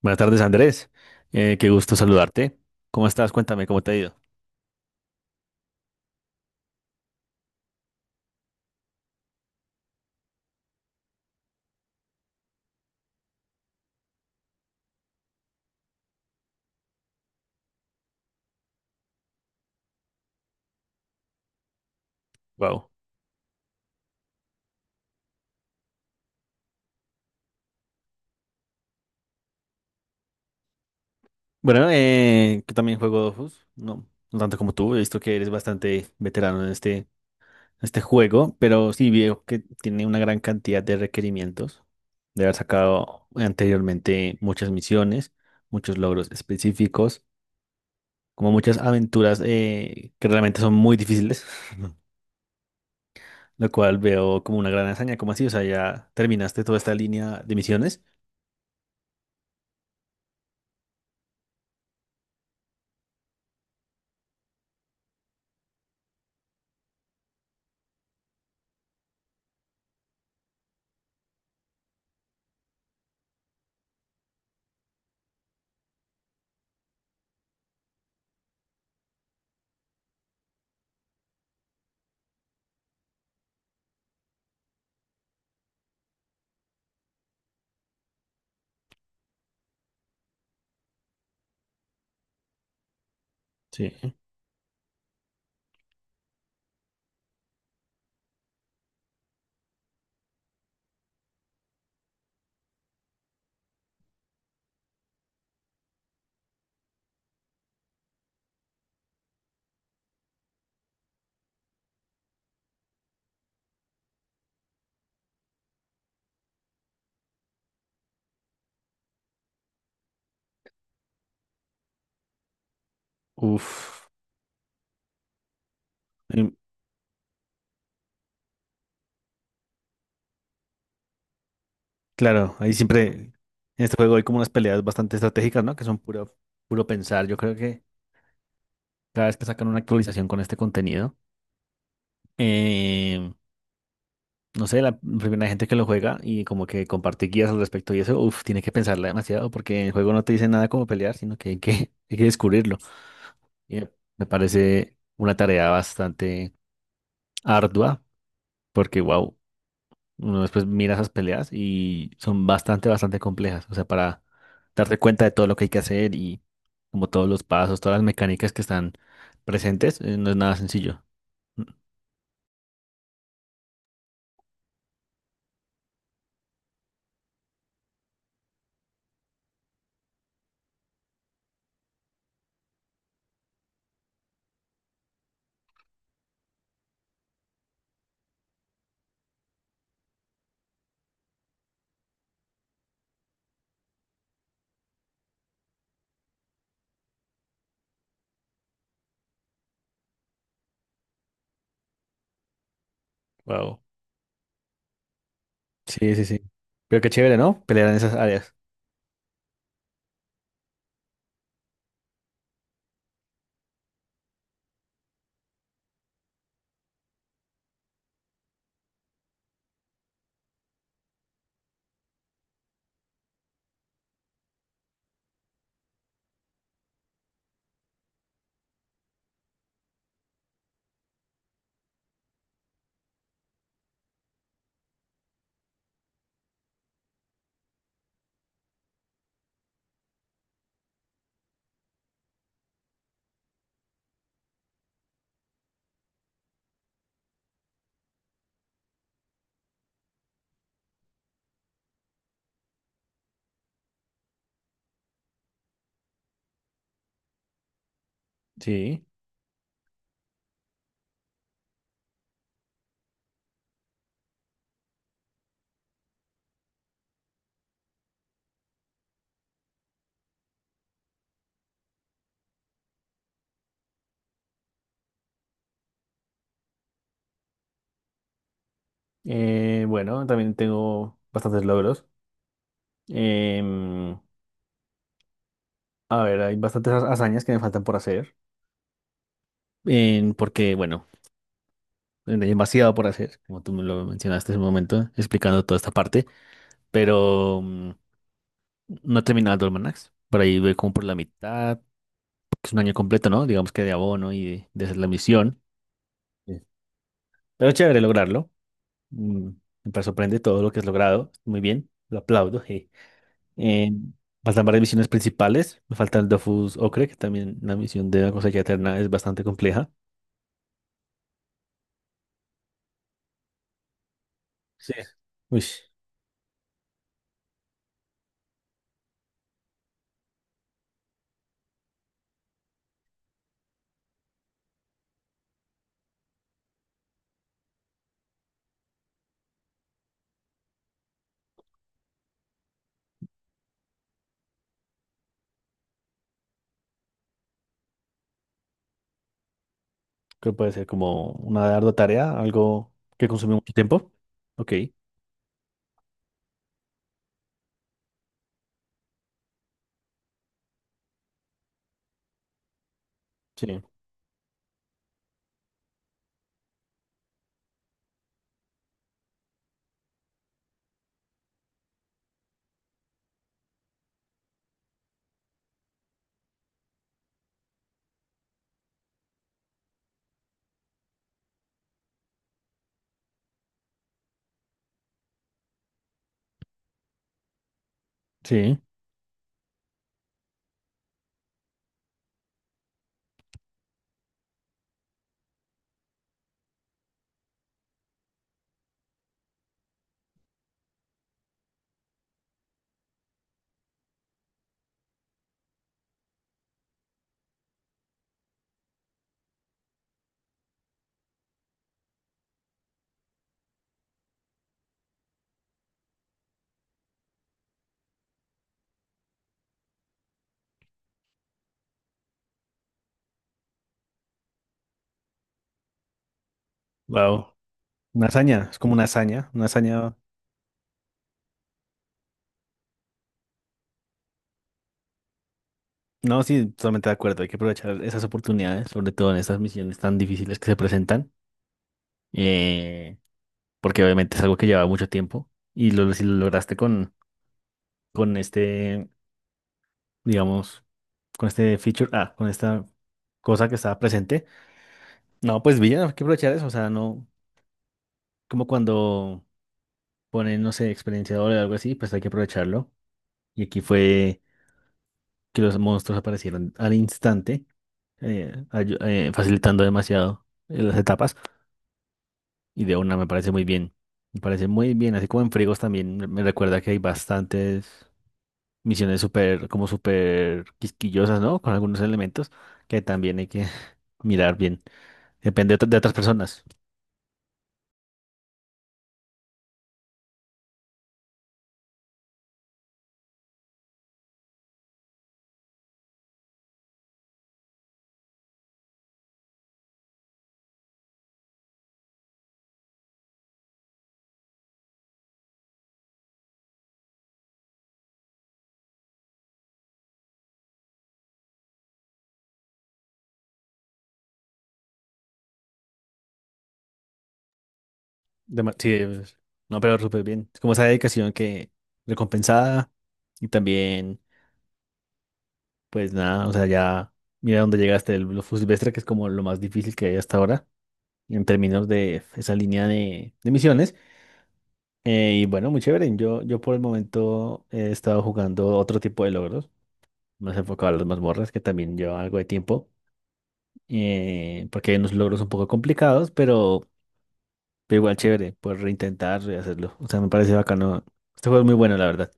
Buenas tardes, Andrés. Qué gusto saludarte. ¿Cómo estás? Cuéntame, ¿cómo te ha ido? Wow. Bueno, yo también juego Dofus. No, no tanto como tú. He visto que eres bastante veterano en este juego, pero sí veo que tiene una gran cantidad de requerimientos. De haber sacado anteriormente muchas misiones, muchos logros específicos, como muchas aventuras que realmente son muy difíciles, lo cual veo como una gran hazaña. ¿Cómo así? O sea, ya terminaste toda esta línea de misiones. Sí. Uf, em, claro, ahí siempre en este juego hay como unas peleas bastante estratégicas, ¿no? Que son puro pensar. Yo creo que cada vez que sacan una actualización con este contenido, em, no sé, la primera gente que lo juega y como que comparte guías al respecto y eso, uf, tiene que pensarla demasiado porque el juego no te dice nada como pelear, sino que hay hay que descubrirlo. Y me parece una tarea bastante ardua porque, wow. Uno después mira esas peleas y son bastante complejas. O sea, para darte cuenta de todo lo que hay que hacer y como todos los pasos, todas las mecánicas que están presentes, no es nada sencillo. Wow. Sí, sí, sí. Pero qué chévere, ¿no? Pelear en esas áreas. Sí. Bueno, también tengo bastantes logros. Em, a ver, hay bastantes hazañas que me faltan por hacer. Porque, bueno, hay demasiado por hacer, como tú me lo mencionaste en un momento, explicando toda esta parte. Pero no he terminado el Almanacs. Por ahí voy como por la mitad, porque es un año completo, ¿no? Digamos que de abono y de hacer la misión. Sí. Pero chévere lograrlo. Mm, me sorprende todo lo que has logrado. Muy bien, lo aplaudo. Je. Eh, faltan varias misiones principales. Me falta el Dofus Ocre, que también la misión de la cosecha eterna es bastante compleja. Sí. Uy, que puede ser como una ardua tarea, algo que consume mucho tiempo. Ok. Sí, sí, wow. Una hazaña, es como una hazaña, una hazaña. No, sí, totalmente de acuerdo. Hay que aprovechar esas oportunidades, sobre todo en estas misiones tan difíciles que se presentan, eh, porque obviamente es algo que lleva mucho tiempo y lo, si lo lograste con este, digamos, con este feature, ah, con esta cosa que estaba presente. No, pues bien, hay que aprovechar eso. O sea, no, como cuando ponen, no sé, experienciador o algo así, pues hay que aprovecharlo. Y aquí fue que los monstruos aparecieron al instante, facilitando demasiado las etapas. Y de una me parece muy bien. Me parece muy bien. Así como en Frigos también me recuerda que hay bastantes misiones súper, como súper quisquillosas, ¿no? Con algunos elementos que también hay que mirar bien. Depende de, de otras personas. De no, pero súper bien. Es como esa dedicación que recompensada y también, pues nada, o sea, ya mira dónde llegaste el Blue Silvestre, que es como lo más difícil que hay hasta ahora en términos de esa línea de misiones. Y bueno, muy chévere. Yo por el momento he estado jugando otro tipo de logros, más enfocado a las mazmorras, que también lleva algo de tiempo, porque hay unos logros un poco complicados, pero igual chévere, poder reintentar y hacerlo. O sea, me parece bacano. Este juego es muy bueno, la verdad.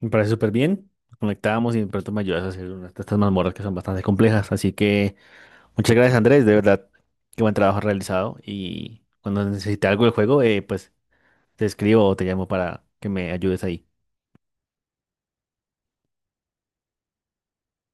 Me parece súper bien. Nos conectábamos y de pronto me ayudas a hacer unas de estas mazmorras que son bastante complejas. Así que muchas gracias, Andrés, de verdad. Qué buen trabajo has realizado. Y cuando necesite algo del juego, pues te escribo o te llamo para que me ayudes ahí.